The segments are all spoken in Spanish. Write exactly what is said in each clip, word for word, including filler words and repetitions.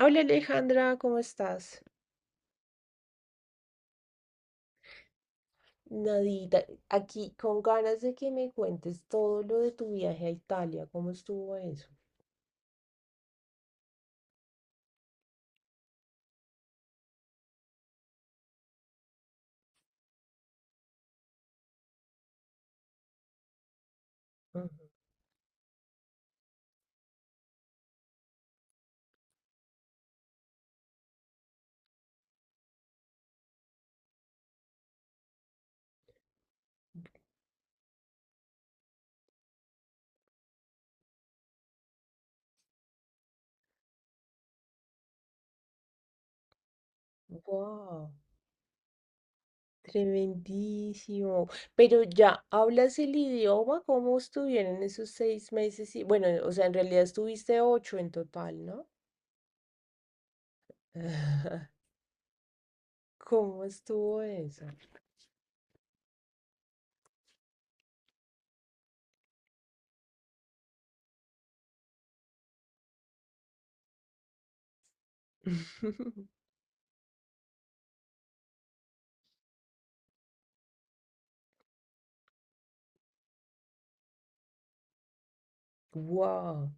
Hola, Alejandra, ¿cómo estás? Nadita, aquí con ganas de que me cuentes todo lo de tu viaje a Italia. ¿Cómo estuvo eso? Wow, tremendísimo. Pero ya, ¿hablas el idioma? ¿Cómo estuvieron esos seis meses? Y bueno, o sea, en realidad estuviste ocho en total, ¿no? ¿Cómo estuvo eso? Wow.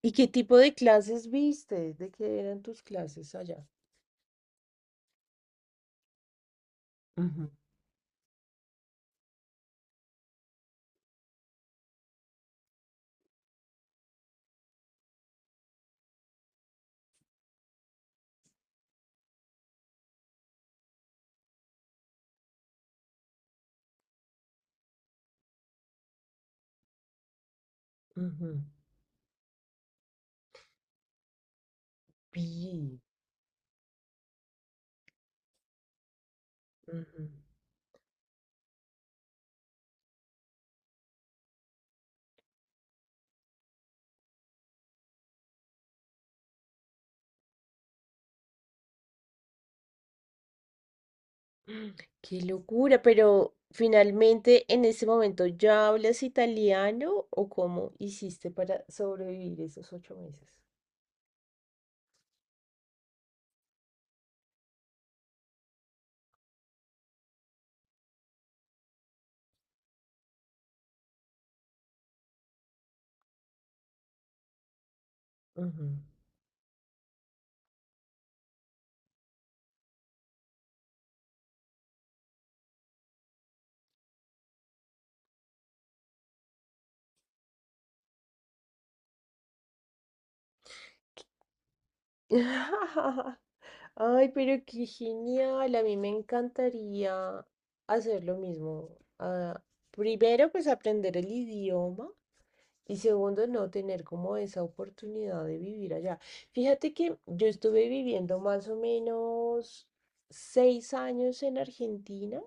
¿Y qué tipo de clases viste? ¿De qué eran tus clases allá? Ujú, ujú. Vi, ujú. Qué locura, pero finalmente en ese momento, ¿ya hablas italiano o cómo hiciste para sobrevivir esos ocho meses? Ujú. Ay, pero qué genial. A mí me encantaría hacer lo mismo. Ah, primero, pues aprender el idioma, y segundo, no tener como esa oportunidad de vivir allá. Fíjate que yo estuve viviendo más o menos seis años en Argentina,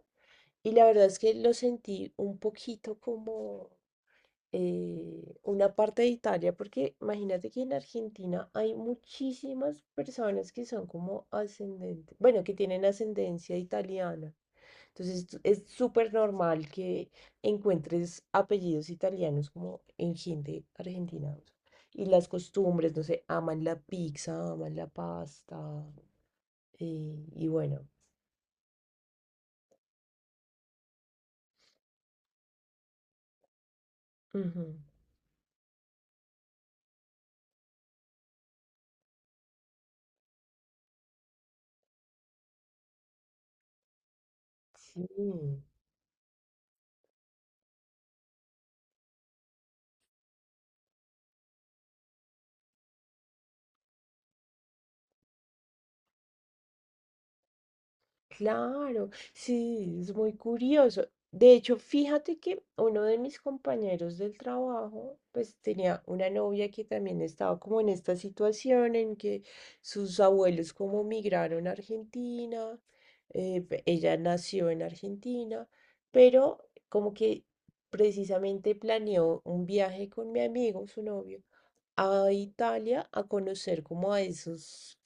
y la verdad es que lo sentí un poquito como eh, una parte de Italia, porque imagínate que en Argentina hay muchísimas personas que son como ascendentes, bueno, que tienen ascendencia italiana. Entonces tú- es súper normal que encuentres apellidos italianos como en gente argentina. O sea, y las costumbres, no sé, aman la pizza, aman la pasta. Eh, y bueno, ujú, sí. Claro, sí, es muy curioso. De hecho, fíjate que uno de mis compañeros del trabajo pues tenía una novia que también estaba como en esta situación en que sus abuelos como migraron a Argentina. Eh, pe- ella nació en Argentina, pero como que precisamente planeó un viaje con mi amigo, su novio, a Italia, a conocer como a esos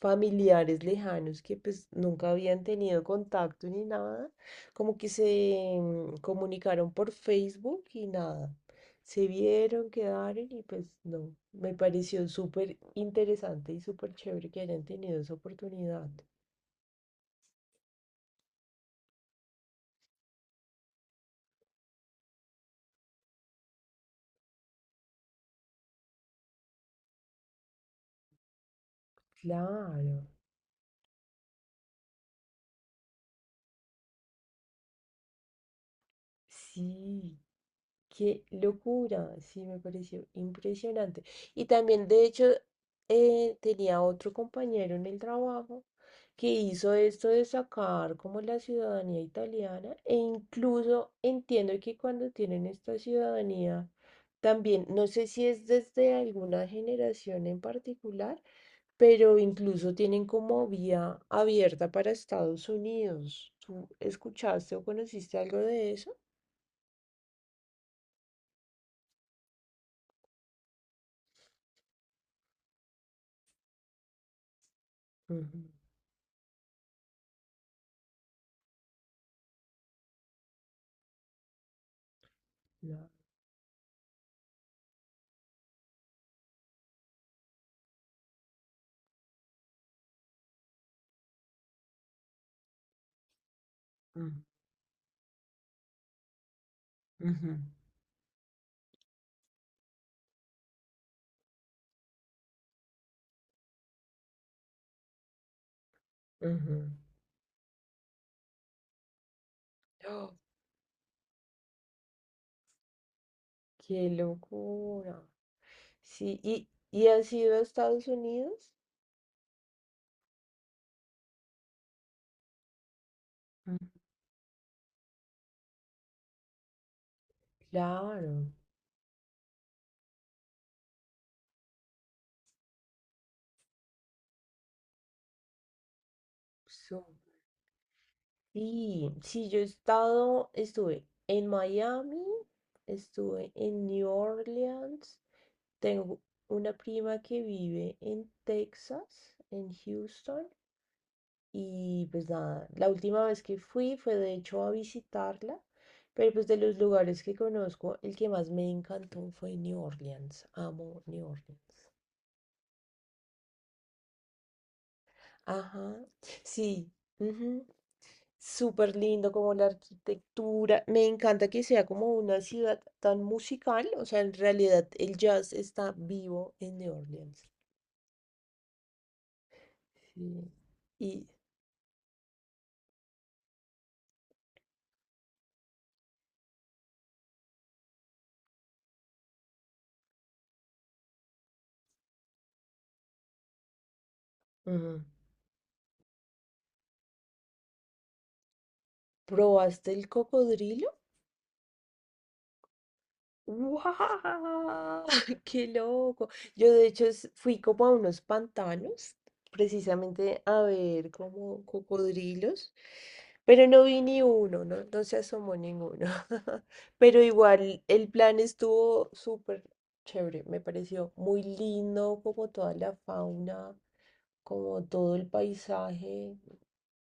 familiares lejanos que pues nunca habían tenido contacto ni nada, como que se mm, comunicaron por Facebook y nada, se vieron, quedaron, y pues no, me pareció súper interesante y súper chévere que hayan tenido esa oportunidad. Claro, sí. Qué locura, sí, me pareció impresionante. Y también, de hecho, eh, tenía otro compañero en el trabajo que hizo esto de sacar como la ciudadanía italiana, e incluso entiendo que cuando tienen esta ciudadanía también, no sé si es desde alguna generación en particular, pero incluso tienen como vía abierta para Estados Unidos. ¿Tú escuchaste o conociste algo de eso? Ujú, no. Ujú. Ujú, ujú. ¡Oh! ¡Qué locura! Sí, ¿y, y has ido a Estados Unidos? Mm. Claro, so- sí, sí, yo he estado, estuve en Miami, estuve en New Orleans, tengo una prima que vive en Texas, en Houston. Y pues nada, la última vez que fui fue de hecho a visitarla, pero pues de los lugares que conozco, el que más me encantó fue New Orleans. Amo New Orleans. Ajá, sí, ujú, súper lindo como la arquitectura. Me encanta que sea como una ciudad tan musical, o sea, en realidad el jazz está vivo en New Orleans. Sí. Y ujú, ¿probaste el cocodrilo? ¡Wow! ¡Qué loco! Yo de hecho es- fui como a unos pantanos, precisamente a ver como cocodrilos, pero no vi ni uno, no, no se asomó ninguno. Pero igual el plan estuvo súper chévere, me pareció muy lindo como toda la fauna, como todo el paisaje.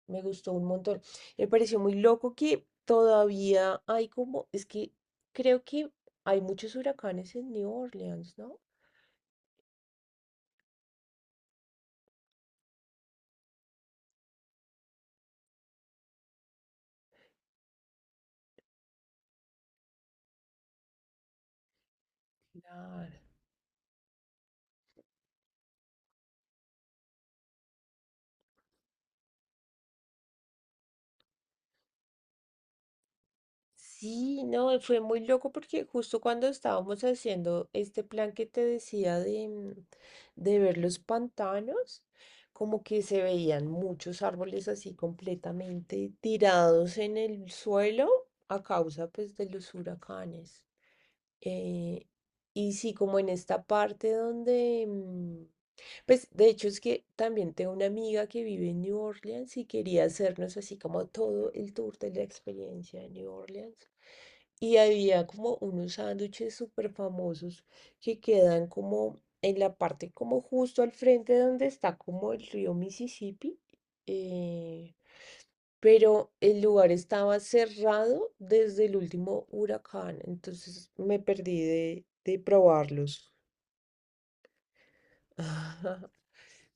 Me gustó un montón. Me pareció muy loco que todavía hay como, es que creo que hay muchos huracanes en New Orleans, ¿no? Claro. Sí, no, fue muy loco porque justo cuando estábamos haciendo este plan que te decía de, mm, de ver los pantanos, como que se veían muchos árboles así completamente tirados en el suelo, a causa pues de los huracanes. Eh, y sí, como en esta parte donde, mm, pues de hecho es que también tengo una amiga que vive en New Orleans y quería hacernos así como todo el tour de la experiencia de New Orleans. Y había como unos sándwiches súper famosos que quedan como en la parte como justo al frente donde está como el río Mississippi. eh, pero el lugar estaba cerrado desde el último huracán, entonces me perdí de, de probarlos.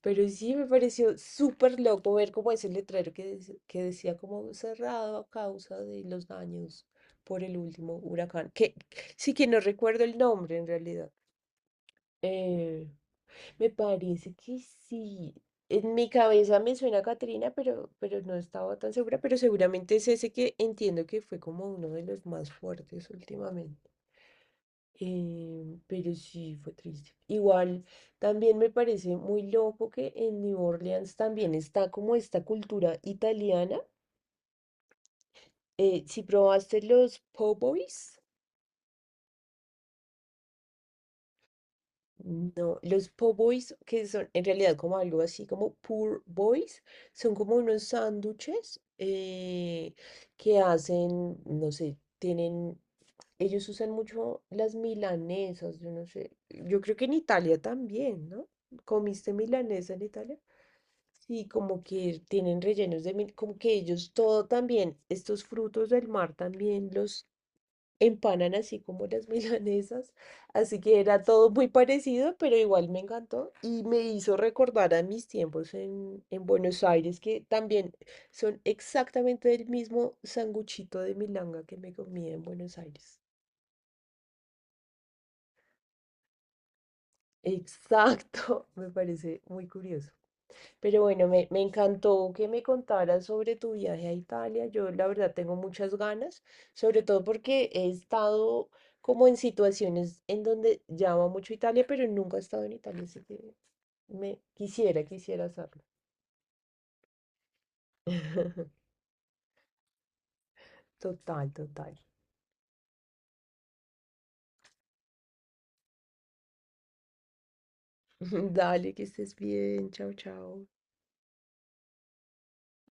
Pero sí me pareció súper loco ver como ese letrero que, dec- que decía como cerrado a causa de los daños por el último huracán, que sí, que no recuerdo el nombre en realidad. Eh, me parece que sí. En mi cabeza me suena a Catrina, pero, pero no estaba tan segura, pero seguramente es ese que entiendo que fue como uno de los más fuertes últimamente. Eh, pero sí, fue triste. Igual, también me parece muy loco que en New Orleans también está como esta cultura italiana. Eh, si probaste los po' boys. No, los po' boys, que son en realidad como algo así como poor boys, son como unos sándwiches eh, que hacen, no sé, tienen, ellos usan mucho las milanesas, yo no sé, yo creo que en Italia también, ¿no? ¿Comiste milanesa en Italia? Sí, como que tienen rellenos de mil, como que ellos todo también, estos frutos del mar también los empanan así como las milanesas, así que era todo muy parecido, pero igual me encantó y me hizo recordar a mis tiempos en, en Buenos Aires, que también son exactamente el mismo sanguchito de milanga que me comí en Buenos Aires. Exacto, me parece muy curioso. Pero bueno, me, me encantó que me contaras sobre tu viaje a Italia. Yo la verdad tengo muchas ganas, sobre todo porque he estado como en situaciones en donde llamo mucho Italia, pero nunca he estado en Italia, así que me quisiera, quisiera hacerlo. Total, total. Dale, que estés bien. Chao, chao.